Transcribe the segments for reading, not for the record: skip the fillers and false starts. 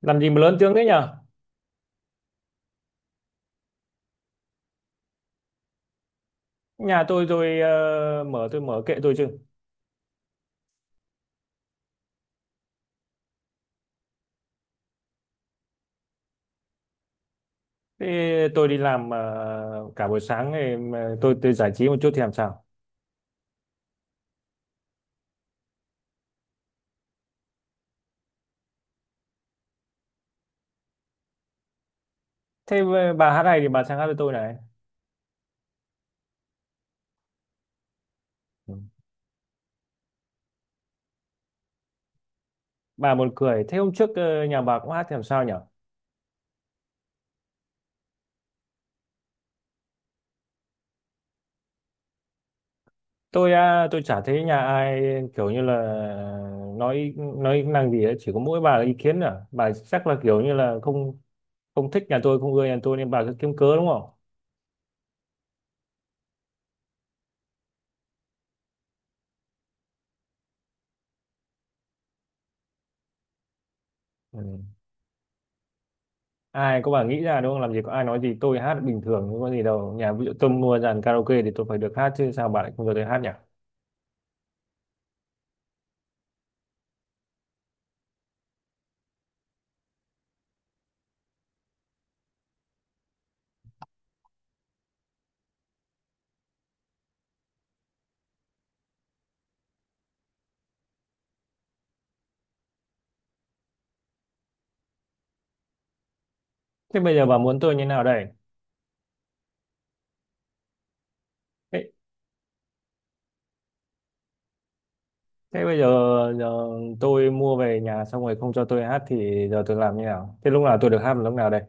Làm gì mà lớn tiếng thế nhở? Nhà tôi mở, tôi mở kệ tôi chứ. Thế tôi đi làm cả buổi sáng thì mà tôi giải trí một chút thì làm sao? Thế bà hát này thì bà sang hát với tôi này. Ừ. Bà buồn cười, thế hôm trước nhà bà cũng hát thì làm sao nhở? Tôi à, tôi chả thấy nhà ai kiểu như là nói năng gì ấy. Chỉ có mỗi bà là ý kiến à, bà chắc là kiểu như là không không thích nhà tôi, không ưa nhà tôi nên bà cứ kiếm cớ đúng không? Ừ. Ai có, bà nghĩ ra đúng không, làm gì có ai nói gì, tôi hát bình thường không có gì đâu. Nhà ví dụ tôi mua dàn karaoke thì tôi phải được hát chứ, sao bà lại không cho tôi hát nhỉ? Thế bây giờ bà muốn tôi như nào đây? Thế, thế bây giờ, giờ tôi mua về nhà xong rồi không cho tôi hát thì giờ tôi làm như nào? Thế lúc nào tôi được hát là lúc nào đây?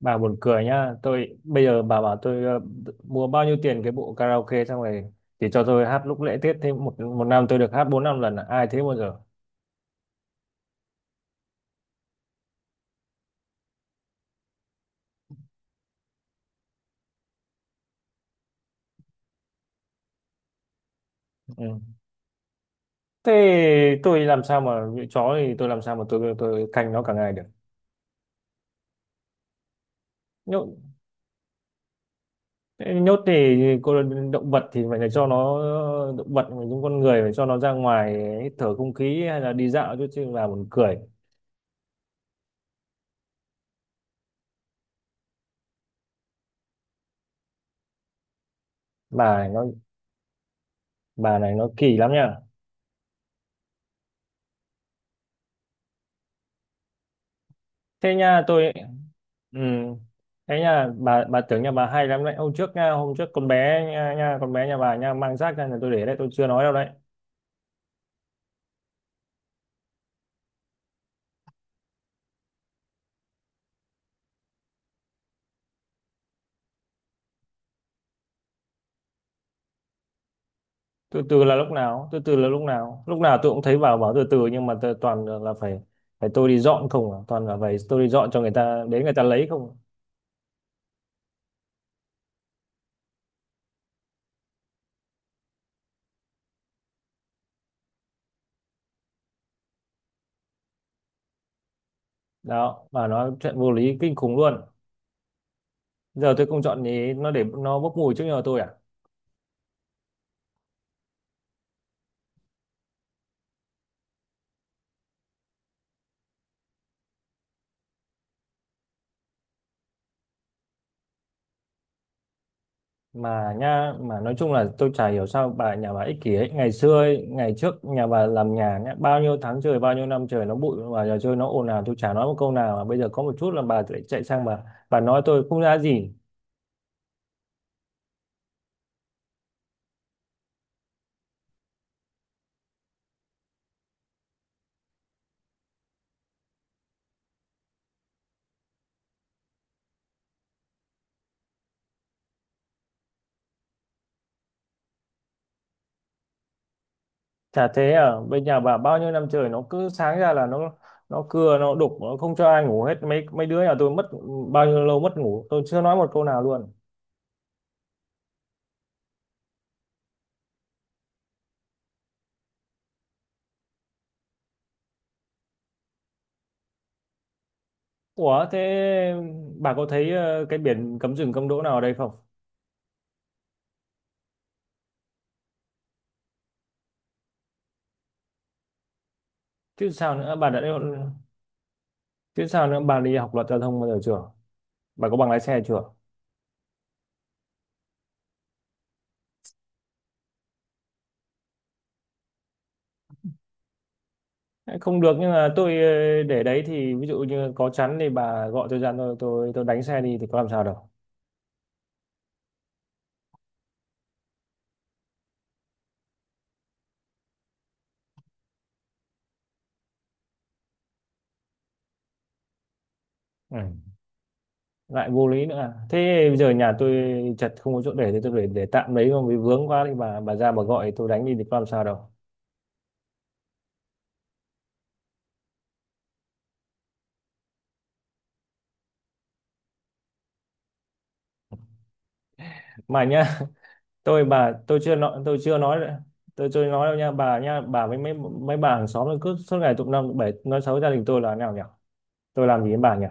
Bà buồn cười nhá, tôi bây giờ bà bảo tôi mua bao nhiêu tiền cái bộ karaoke xong rồi thì cho tôi hát lúc lễ Tết, thế một một năm tôi được hát bốn năm lần à? Ai thế bao giờ? Ừ. Thế tôi làm sao mà như chó thì tôi làm sao mà tôi canh nó cả ngày được? Nhốt nhốt thì cô, động vật thì phải là cho nó, động vật mình cũng con người phải cho nó ra ngoài hít thở không khí hay là đi dạo chứ chứ bà buồn cười. Bà này nó bà này nó kỳ lắm nha. Thế nha tôi, ừ, thế nha bà tưởng nhà bà hay lắm đấy. Hôm trước nha, hôm trước con bé nha, con bé nhà bà nha mang rác ra nhà tôi để đấy, tôi chưa nói đâu đấy. Từ từ là lúc nào? Từ từ là lúc nào? Lúc nào tôi cũng thấy bảo bảo từ từ, nhưng mà tôi toàn là phải phải tôi đi dọn không à? Toàn là phải tôi đi dọn cho người ta, đến người ta lấy không à? Đó, và nó chuyện vô lý kinh khủng luôn. Giờ tôi không chọn ý nó để nó bốc mùi trước nhà tôi à? Mà nha, mà nói chung là tôi chả hiểu sao bà, nhà bà ích kỷ ấy. Ngày xưa ấy, ngày trước nhà bà làm nhà nhá, bao nhiêu tháng trời, bao nhiêu năm trời nó bụi và nhà chơi nó ồn ào, tôi chả nói một câu nào, mà bây giờ có một chút là bà lại chạy sang, bà nói tôi không ra gì. Chả thế à, bên nhà bà bao nhiêu năm trời nó cứ sáng ra là nó cưa nó đục nó không cho ai ngủ hết, mấy mấy đứa nhà tôi mất bao nhiêu lâu mất ngủ, tôi chưa nói một câu nào luôn. Ủa thế bà có thấy cái biển cấm dừng cấm đỗ nào ở đây không? Chứ sao nữa, bà đã, chứ sao nữa, bà đi học luật giao thông bao giờ chưa? Bà có bằng lái xe chưa? Không được, nhưng mà tôi để đấy thì ví dụ như có chắn thì bà gọi tôi ra, tôi đánh xe đi thì có làm sao đâu. Ừ. Lại vô lý nữa à. Thế bây giờ nhà tôi chật không có chỗ để thì tôi để tạm đấy, không vì vướng quá thì bà ra bà gọi tôi đánh đi thì có làm sao đâu. Mà nhá, tôi chưa nói, tôi chưa nói đâu nha. Bà với mấy mấy bà hàng xóm nó cứ suốt ngày tụng năm tụng bảy nói xấu gia đình tôi là nào nhỉ, tôi làm gì với bà nhỉ?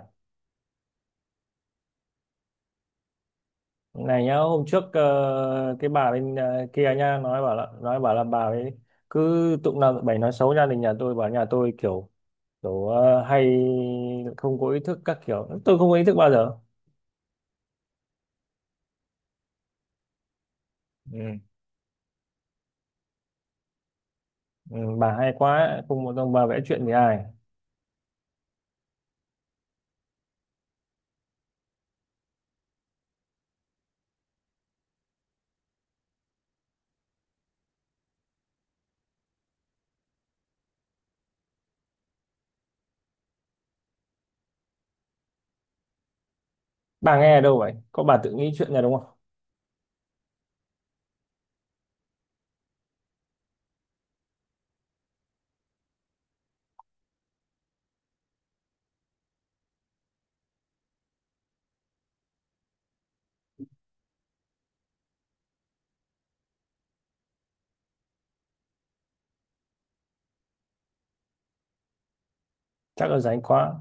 Này nhá, hôm trước cái bà bên kia nha, nói bảo là bà ấy cứ tụng năm tụng bảy nói xấu gia đình nhà tôi, bảo nhà tôi kiểu kiểu hay không có ý thức các kiểu, tôi không có ý thức bao giờ. Ừ. Ừ, bà hay quá, không một ông bà vẽ chuyện với ai. Bà nghe ở đâu vậy, có bà tự nghĩ chuyện nhà đúng không? Chắc là rảnh quá.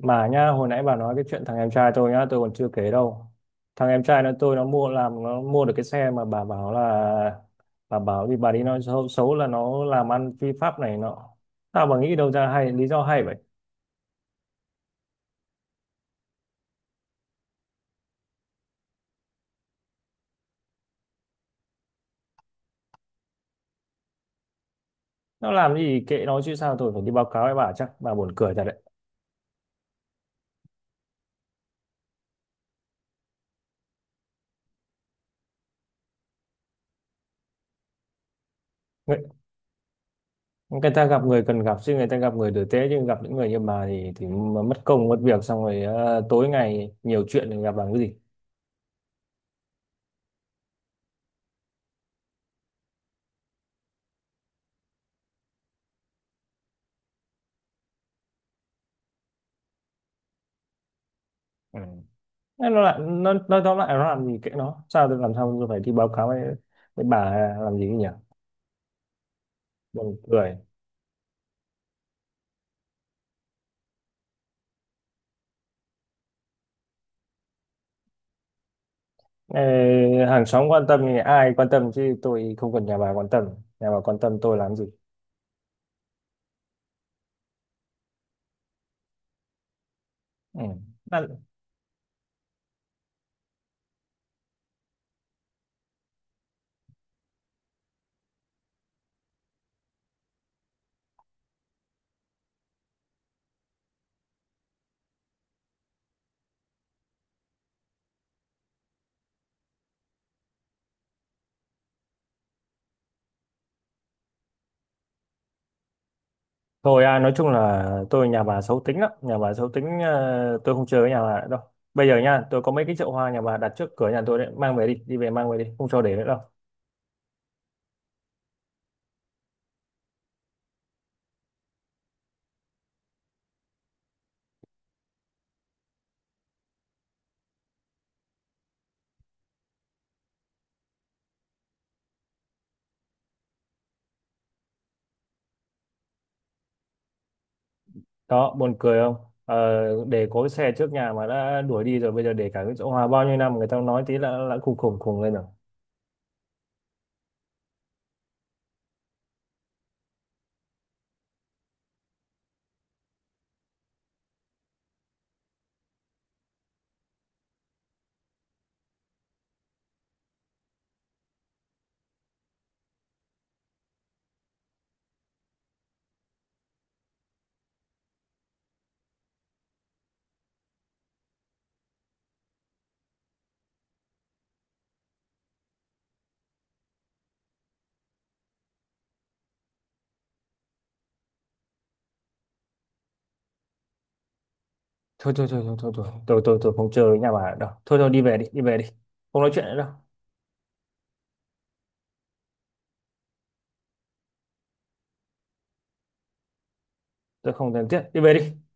Mà nhá, hồi nãy bà nói cái chuyện thằng em trai tôi nhá, tôi còn chưa kể đâu. Thằng em trai nó, nó mua, nó mua được cái xe mà bà bảo là, bà bảo vì bà đi nói xấu, xấu là nó làm ăn phi pháp này nọ. Tao bà nghĩ đâu ra hay, lý do hay vậy? Nó làm gì kệ nó chứ, sao tôi phải đi báo cáo với bà? Chắc bà buồn cười thật đấy. Người, người ta gặp người cần gặp chứ, người ta gặp người tử tế chứ, gặp những người như bà thì mà mất công mất việc, xong rồi tối ngày nhiều chuyện thì gặp làm cái gì? Ừ. Thế nó lại nó, tóm lại nó làm gì kệ nó, sao tôi làm sao tôi phải đi báo cáo với bà làm gì nhỉ? Buồn cười. Ê, hàng xóm quan tâm thì ai quan tâm chứ, tôi không cần nhà bà quan tâm, nhà bà quan tâm tôi làm gì? Ừ. Đã- thôi à, nói chung là tôi, nhà bà xấu tính lắm, nhà bà xấu tính, tôi không chơi với nhà bà nữa đâu. Bây giờ nha, tôi có mấy cái chậu hoa nhà bà đặt trước cửa nhà tôi đấy, mang về đi, đi về mang về đi, không cho để nữa đâu. Đó, buồn cười không? Ờ, để có cái xe trước nhà mà đã đuổi đi rồi, bây giờ để cả cái chỗ hòa bao nhiêu năm người ta nói tí là khùng khùng khùng lên rồi. Thôi thôi thôi thôi thôi thôi tôi không chơi với nhà bà đâu. Thôi thôi đi về đi, đi về đi. Không nói chuyện nữa đâu. Tôi không cần thiết. Đi về đi.